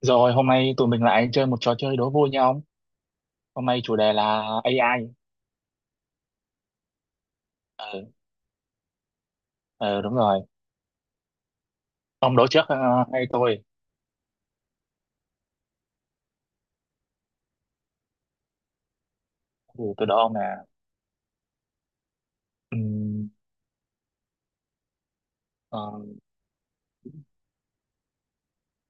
Rồi hôm nay tụi mình lại chơi một trò chơi đố vui nha ông. Hôm nay chủ đề là AI. Ờ, ờ, đúng rồi. Ông đố trước hay tôi? Ừ, tôi đố ông là ừm, ờ,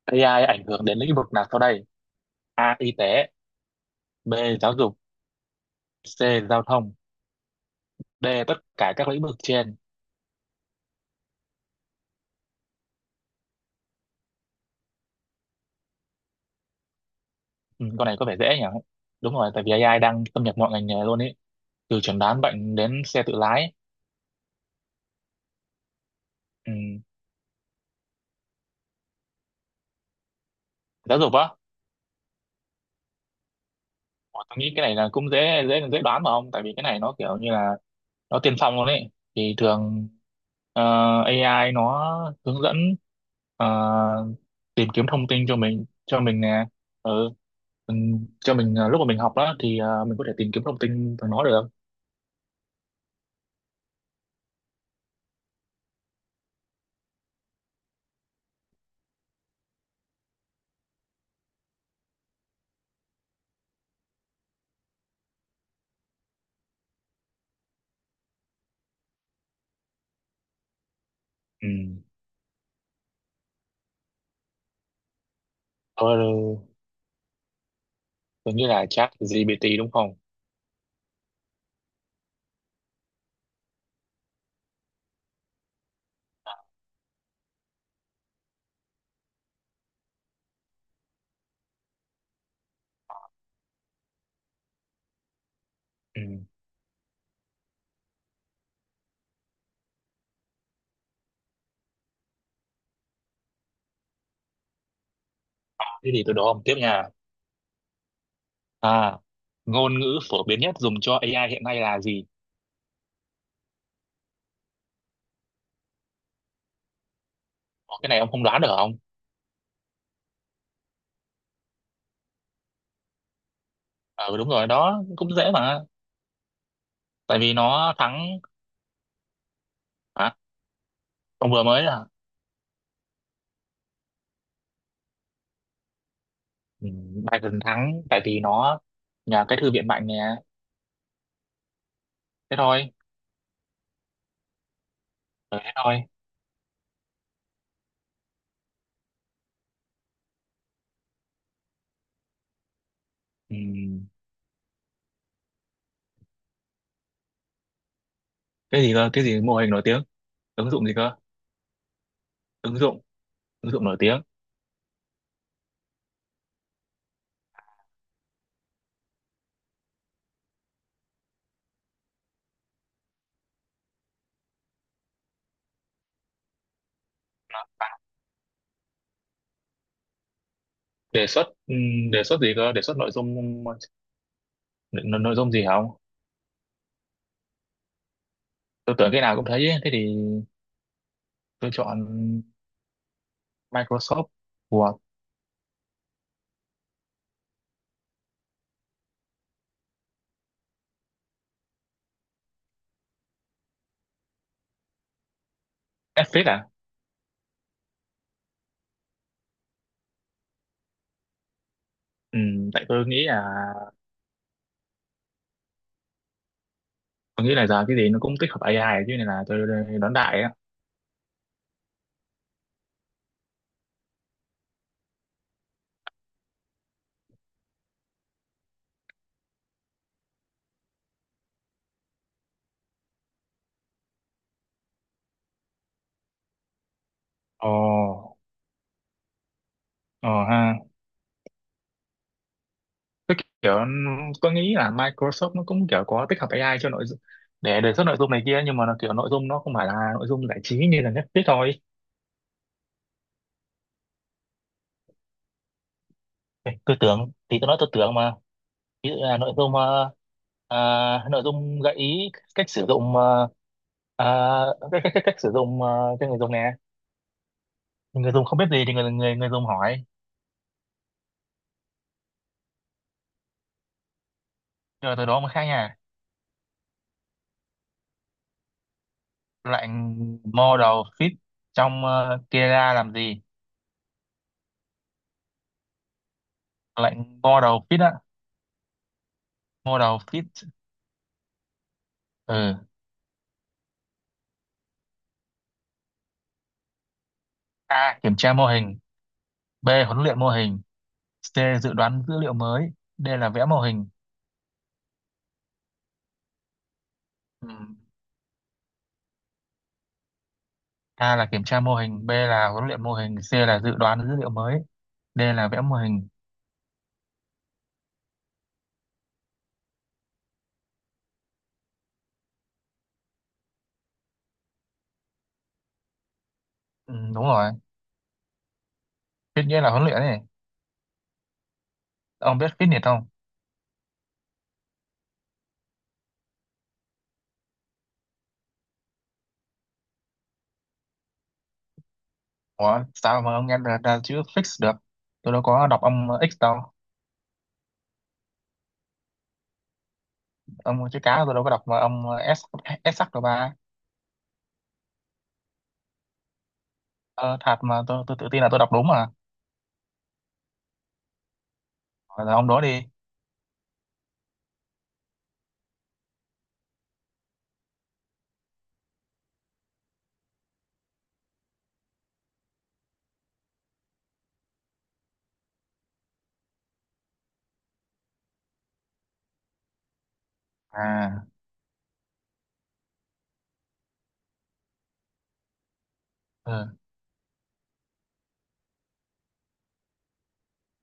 AI ảnh hưởng đến lĩnh vực nào sau đây? A. Y tế. B. Giáo dục. C. Giao thông. D. Tất cả các lĩnh vực trên. Ừ, con này có vẻ dễ nhỉ? Đúng rồi, tại vì AI đang xâm nhập mọi ngành nghề luôn ấy. Từ chẩn đoán bệnh đến xe tự lái. Ừm, giáo dục á? Ủa, tôi nghĩ cái này là cũng dễ dễ dễ đoán mà ông, tại vì cái này nó kiểu như là nó tiên phong luôn đấy thì thường ờ, AI nó hướng dẫn, ờ, tìm kiếm thông tin cho mình nè. Ừ, mình cho mình lúc mà mình học đó thì mình có thể tìm kiếm thông tin từ nó được. Ừ. Thôi rồi, tôi nghĩ là chat GPT đúng không? Ừ, thế thì từ đó ông tiếp nha. À, ngôn ngữ phổ biến nhất dùng cho AI hiện nay là gì? Ủa, cái này ông không đoán được không? Ừ, đúng rồi đó, cũng dễ mà. Tại vì nó thắng. Hả? Ông vừa mới à? Ừ, Biden thắng tại vì nó nhà cái thư viện mạnh nè, thế thôi. Ừ, thế thôi. Ừ. Cái gì cơ? Cái gì mô hình nổi tiếng? Ứng dụng gì cơ? Ứng dụng, ứng dụng nổi tiếng. Đề xuất đề xuất gì cơ? Đề xuất nội dung nội dung gì không? Tôi tưởng cái nào cũng thấy ấy. Thế thì tôi chọn Microsoft của. Netflix à? Ừ, tại tôi nghĩ là, tôi nghĩ là giờ cái gì nó cũng tích hợp AI chứ, nên là tôi đoán đại á. Ồ. Ồ ha. Cái kiểu tôi nghĩ là Microsoft nó cũng kiểu có tích hợp AI cho nội dung để đề xuất nội dung này kia, nhưng mà nó kiểu nội dung nó không phải là nội dung giải trí như là Netflix thôi. Ê, tôi tưởng thì tôi nói tôi tưởng mà. Ví dụ là nội dung nội dung gợi ý cách sử dụng, ờ, cách sử dụng cho người dùng nè. Người dùng không biết gì thì người người người dùng hỏi, rồi từ đó mới khác nha. Lệnh model fit trong kia ra làm gì? Lệnh model fit á. Model fit. Ừ. A. Kiểm tra mô hình. B. Huấn luyện mô hình. C. Dự đoán dữ liệu mới. D. Là vẽ mô hình. Ừm, A là kiểm tra mô hình. B là huấn luyện mô hình. C là dự đoán dữ liệu mới. D là vẽ mô hình. Đúng rồi. Fit nghĩa là huấn luyện này. Ông biết fitness không? Ủa, sao mà ông nghe ra, ra chữ fix được? Tôi đâu có đọc âm X đâu. Âm chữ cá tôi đâu có đọc mà âm S, S sắc đâu ba. Ờ, thật mà, tôi tự tin là tôi đọc đúng mà. Rồi là ông đó đi. À, ừ.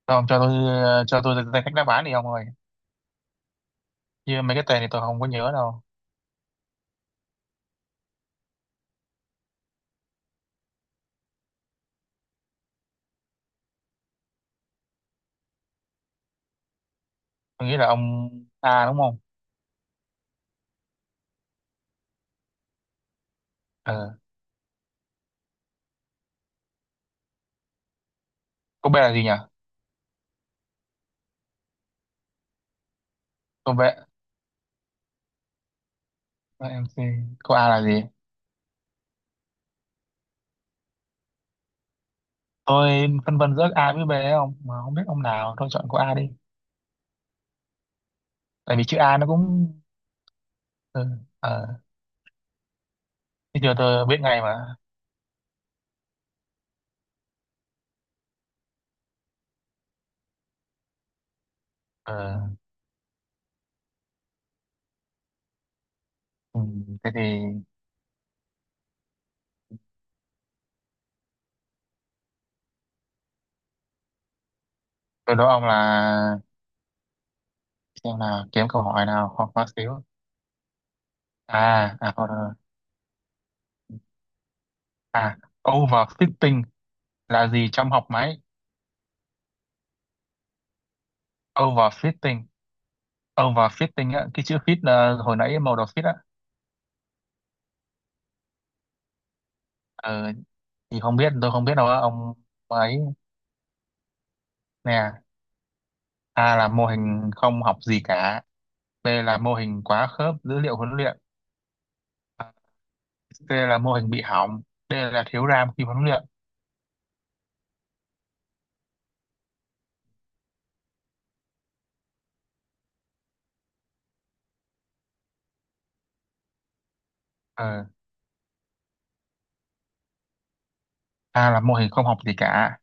Thôi ông cho tôi ra cách đáp án đi ông ơi. Chứ mấy cái tên thì tôi không có nhớ đâu. Tôi nghĩ là ông A đúng không? Ờ. Cô B là gì nhỉ? Cô B, MC. Cô A là gì? Tôi phân vân giữa A với B đấy không? Mà không biết ông nào, tôi chọn cô A đi. Tại vì chữ A nó cũng... Ừ. Ờ. Thế giờ tôi biết ngay mà. Ờ. Ừ. Thế thì tôi đố ông là... Xem nào, kiếm câu hỏi nào khó khó xíu. À, à, thôi, thôi. À, overfitting là gì trong học máy? Overfitting. Overfitting á, cái chữ fit là hồi nãy màu đỏ fit á. ờ, thì không biết, tôi không biết đâu á, ông. Ấy nè. A là mô hình không học gì cả. B là mô hình quá khớp dữ liệu huấn luyện. À, C là mô hình bị hỏng. D là thiếu RAM khi huấn luyện. ờ, A là mô hình không học gì cả.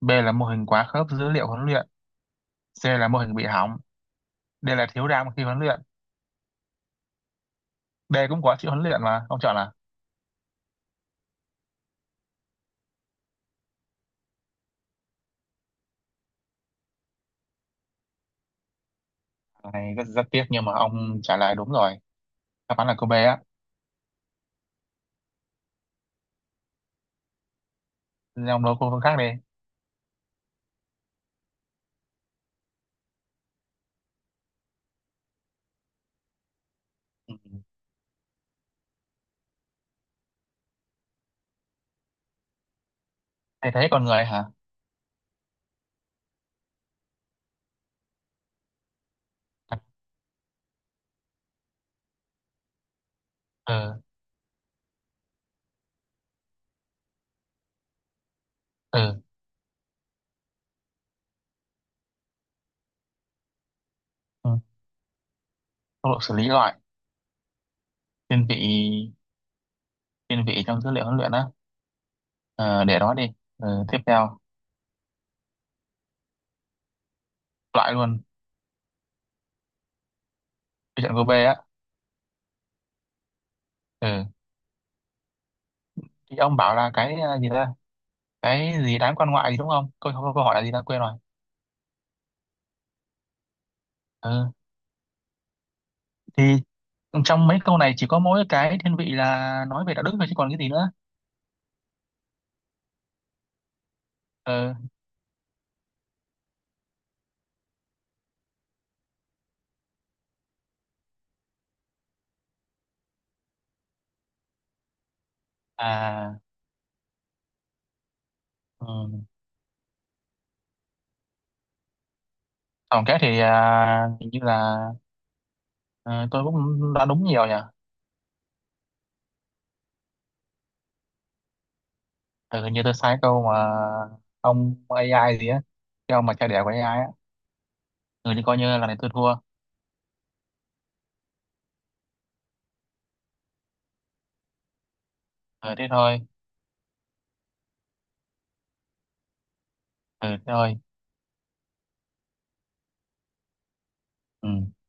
B là mô hình quá khớp dữ liệu huấn luyện. C là mô hình bị hỏng. D là thiếu RAM khi huấn luyện. D cũng có chữ huấn luyện mà ông chọn là? Cái này rất, rất tiếc nhưng mà ông trả lời đúng rồi. Đáp án là câu B á. Nên ông đố câu khác đi. Ừ. Thầy thấy con người hả? Ừ. Ừ. Ừ. Tốc độ xử lý gọi. Thiên vị. Thiên vị trong dữ liệu huấn luyện á. Ờ, để đó đi. Ờ, tiếp theo. Loại luôn. Cái trận cô bê á. Ừ. Thì ông bảo là cái, gì ta, cái gì đám quan ngoại gì đúng không? Câu hỏi là gì ta quên rồi. Ừ. Thì trong mấy câu này chỉ có mỗi cái thiên vị là nói về đạo đức thôi chứ còn cái gì nữa. Ừ. À. Ừ. Tổng kết thì à, hình như là ờ, tôi cũng đã đúng nhiều nhỉ. Ừ, hình như tôi sai câu mà. Ông AI gì á, cái ông mà cha đẻ của AI á. Ừ, thì coi như là này tôi thua. Ừ, thế thôi. Ừ, thế thôi. Ừ.